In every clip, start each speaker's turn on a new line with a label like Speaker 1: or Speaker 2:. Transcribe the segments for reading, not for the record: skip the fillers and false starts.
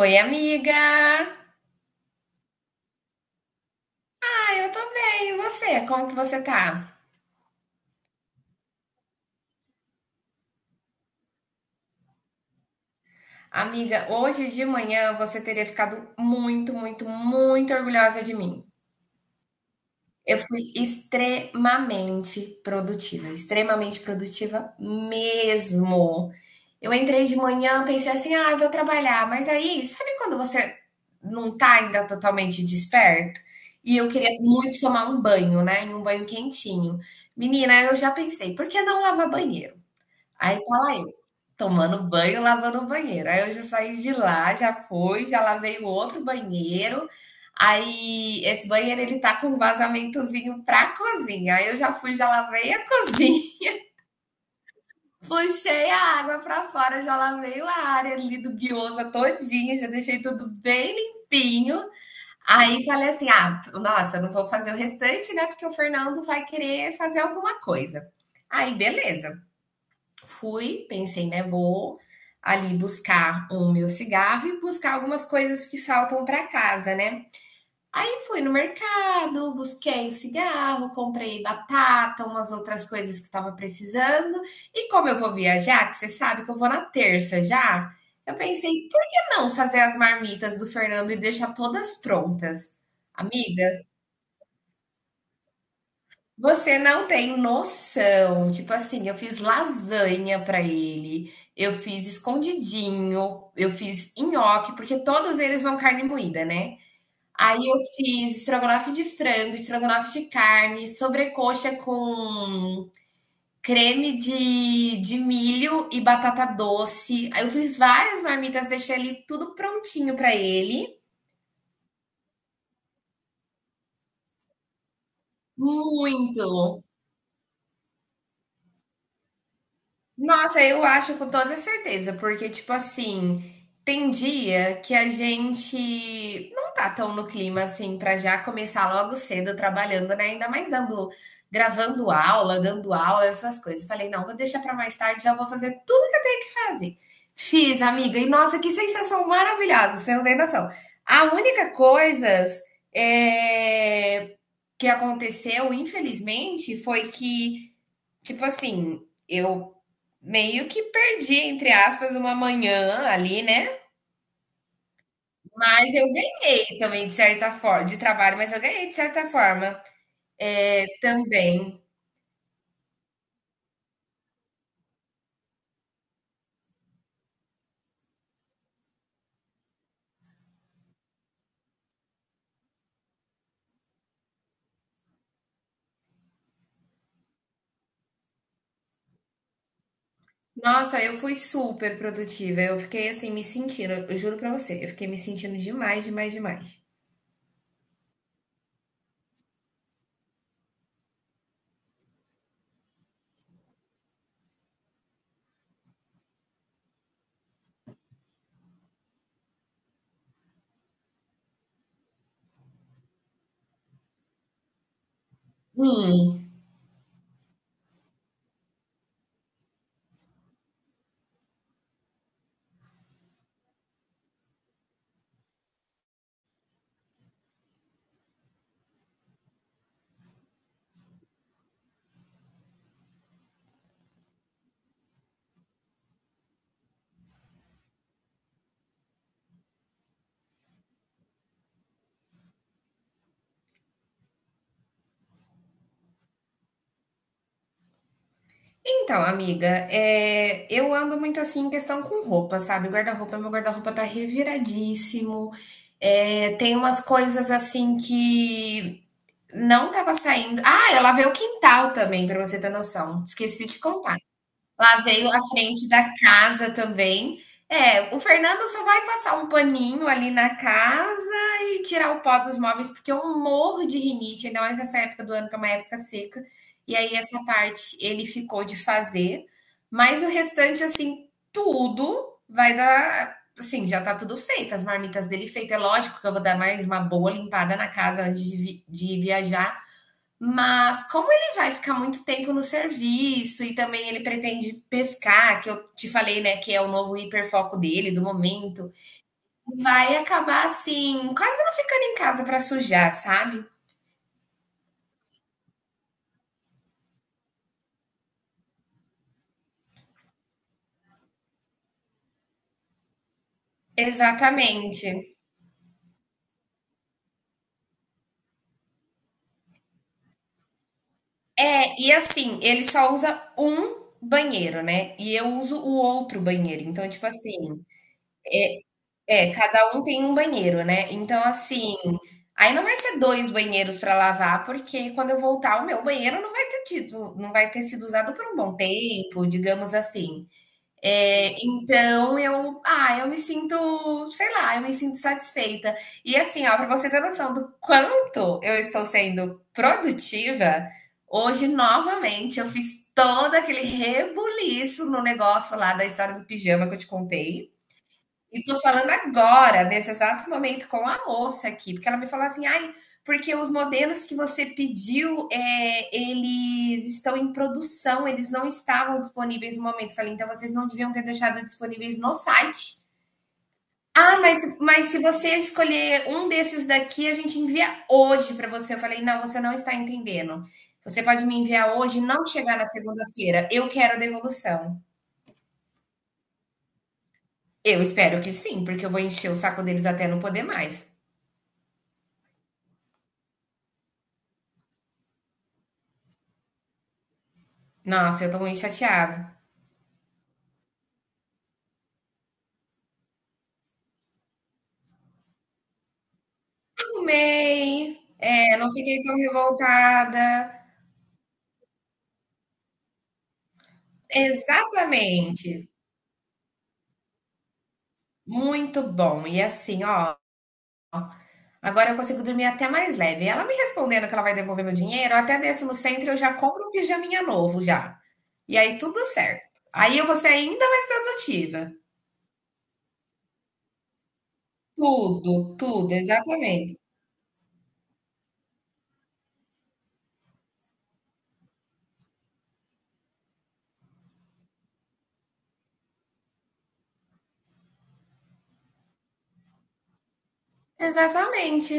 Speaker 1: Oi, amiga! Ah, eu tô bem, e você? Como que você tá? Amiga, hoje de manhã você teria ficado muito, muito, muito orgulhosa de mim. Eu fui extremamente produtiva mesmo. Eu entrei de manhã, pensei assim, ah, eu vou trabalhar, mas aí, sabe quando você não tá ainda totalmente desperto? E eu queria muito tomar um banho, né? E um banho quentinho. Menina, eu já pensei, por que não lavar banheiro? Aí tá lá tomando banho, lavando o banheiro. Aí eu já saí de lá, já fui, já lavei o outro banheiro. Aí esse banheiro ele tá com um vazamentozinho pra cozinha. Aí eu já fui, já lavei a cozinha. Puxei a água pra fora, já lavei a área ali do guiosa todinha, já deixei tudo bem limpinho. Aí falei assim: "Ah, nossa, eu não vou fazer o restante, né? Porque o Fernando vai querer fazer alguma coisa". Aí beleza. Fui, pensei, né, vou ali buscar o meu cigarro e buscar algumas coisas que faltam para casa, né? Aí fui no mercado, busquei o cigarro, comprei batata, umas outras coisas que estava precisando. E como eu vou viajar, que você sabe que eu vou na terça já, eu pensei, por que não fazer as marmitas do Fernando e deixar todas prontas? Amiga, você não tem noção. Tipo assim, eu fiz lasanha pra ele, eu fiz escondidinho, eu fiz nhoque, porque todos eles vão carne moída, né. Aí eu fiz estrogonofe de frango, estrogonofe de carne, sobrecoxa com creme de milho e batata doce. Aí eu fiz várias marmitas, deixei ali tudo prontinho pra ele. Muito. Nossa, eu acho com toda certeza, porque, tipo assim, tem dia que a gente não tá tão no clima assim pra já começar logo cedo trabalhando, né? Ainda mais dando, gravando aula, dando aula, essas coisas. Falei, não, vou deixar pra mais tarde, já vou fazer tudo que eu tenho que fazer. Fiz, amiga, e nossa, que sensação maravilhosa, você não tem noção. A única coisa é, que aconteceu, infelizmente, foi que, tipo assim, eu meio que perdi, entre aspas, uma manhã ali, né, mas eu ganhei também de certa forma de trabalho, mas eu ganhei de certa forma também. Nossa, eu fui super produtiva, eu fiquei, assim, me sentindo, eu juro pra você, eu fiquei me sentindo demais, demais, demais. Hum. Então, amiga, eu ando muito, assim, em questão com roupa, sabe, guarda-roupa meu guarda-roupa tá reviradíssimo, tem umas coisas, assim, que não estava saindo. Ah, eu lavei o quintal também, para você ter noção, esqueci de contar. Lavei a frente da casa também. É, o Fernando só vai passar um paninho ali na casa e tirar o pó dos móveis, porque eu morro de rinite, ainda mais nessa época do ano, que é uma época seca. E aí essa parte ele ficou de fazer, mas o restante, assim, tudo vai dar assim, já tá tudo feito, as marmitas dele feita. É lógico que eu vou dar mais uma boa limpada na casa antes de vi de viajar, mas como ele vai ficar muito tempo no serviço e também ele pretende pescar, que eu te falei, né, que é o novo hiperfoco dele do momento, vai acabar assim, quase não ficando em casa para sujar, sabe? Exatamente. É, e assim, ele só usa um banheiro, né? E eu uso o outro banheiro. Então, tipo assim, é, cada um tem um banheiro, né. Então, assim, aí não vai ser 2 banheiros para lavar, porque quando eu voltar o meu banheiro não vai ter sido usado por um bom tempo, digamos assim. Então eu me sinto, sei lá, eu me sinto satisfeita. E assim, ó, para você ter noção do quanto eu estou sendo produtiva, hoje novamente eu fiz todo aquele rebuliço no negócio lá da história do pijama que eu te contei. E tô falando agora, nesse exato momento, com a moça aqui, porque ela me falou assim, ai, porque os modelos que você pediu, é, eles estão em produção, eles não estavam disponíveis no momento. Falei, então vocês não deviam ter deixado disponíveis no site. Ah, mas se você escolher um desses daqui, a gente envia hoje para você. Eu falei, não, você não está entendendo. Você pode me enviar hoje e não chegar na segunda-feira. Eu quero a devolução. Eu espero que sim, porque eu vou encher o saco deles até não poder mais. Nossa, eu tô muito chateada. Arrumei, não fiquei tão revoltada. Exatamente, muito bom. E assim, ó, agora eu consigo dormir até mais leve. Ela me respondendo que ela vai devolver meu dinheiro, eu até desço no Centro e eu já compro um pijaminha novo já. E aí tudo certo. Aí eu vou ser ainda mais produtiva. Tudo, tudo, exatamente. Exatamente.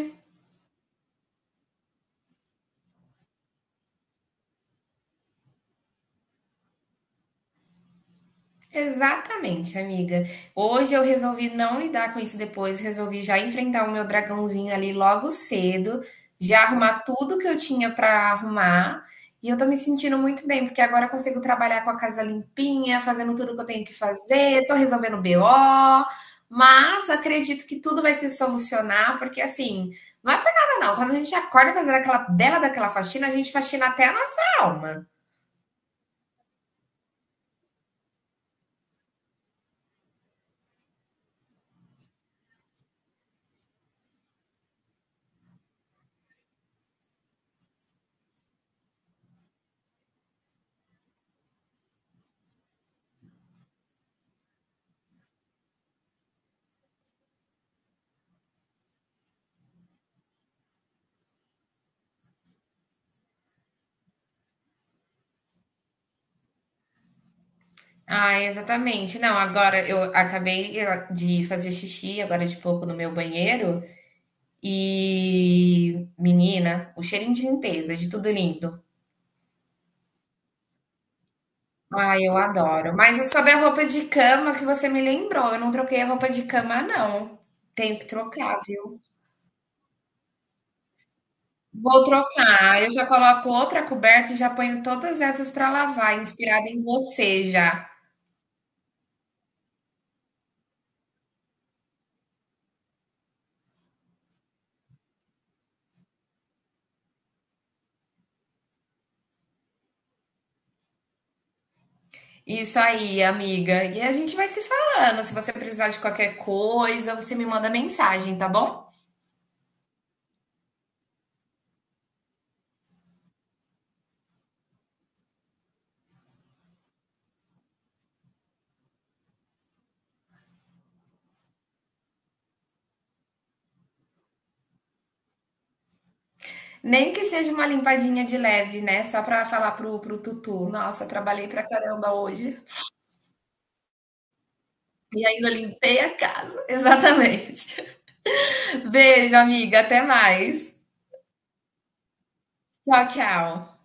Speaker 1: Exatamente, amiga. Hoje eu resolvi não lidar com isso depois, resolvi já enfrentar o meu dragãozinho ali logo cedo, já arrumar tudo que eu tinha para arrumar. E eu tô me sentindo muito bem, porque agora eu consigo trabalhar com a casa limpinha, fazendo tudo que eu tenho que fazer, tô resolvendo BO, mas acredito que tudo vai se solucionar, porque assim, não é por nada não. Quando a gente acorda fazendo aquela bela daquela faxina, a gente faxina até a nossa alma. Ah, exatamente. Não, agora eu acabei, de fazer xixi agora de pouco no meu banheiro e, menina, o cheirinho de limpeza, de tudo lindo. Ah, eu adoro. Mas é sobre a roupa de cama que você me lembrou. Eu não troquei a roupa de cama, não. Tenho que trocar, viu? Vou trocar. Eu já coloco outra coberta e já ponho todas essas para lavar, inspirada em você já. Isso aí, amiga. E a gente vai se falando. Se você precisar de qualquer coisa, você me manda mensagem, tá bom? Nem que seja uma limpadinha de leve, né? Só pra falar pro Tutu. Nossa, trabalhei pra caramba hoje e ainda limpei a casa. Exatamente. Beijo, amiga. Até mais. Tchau, tchau.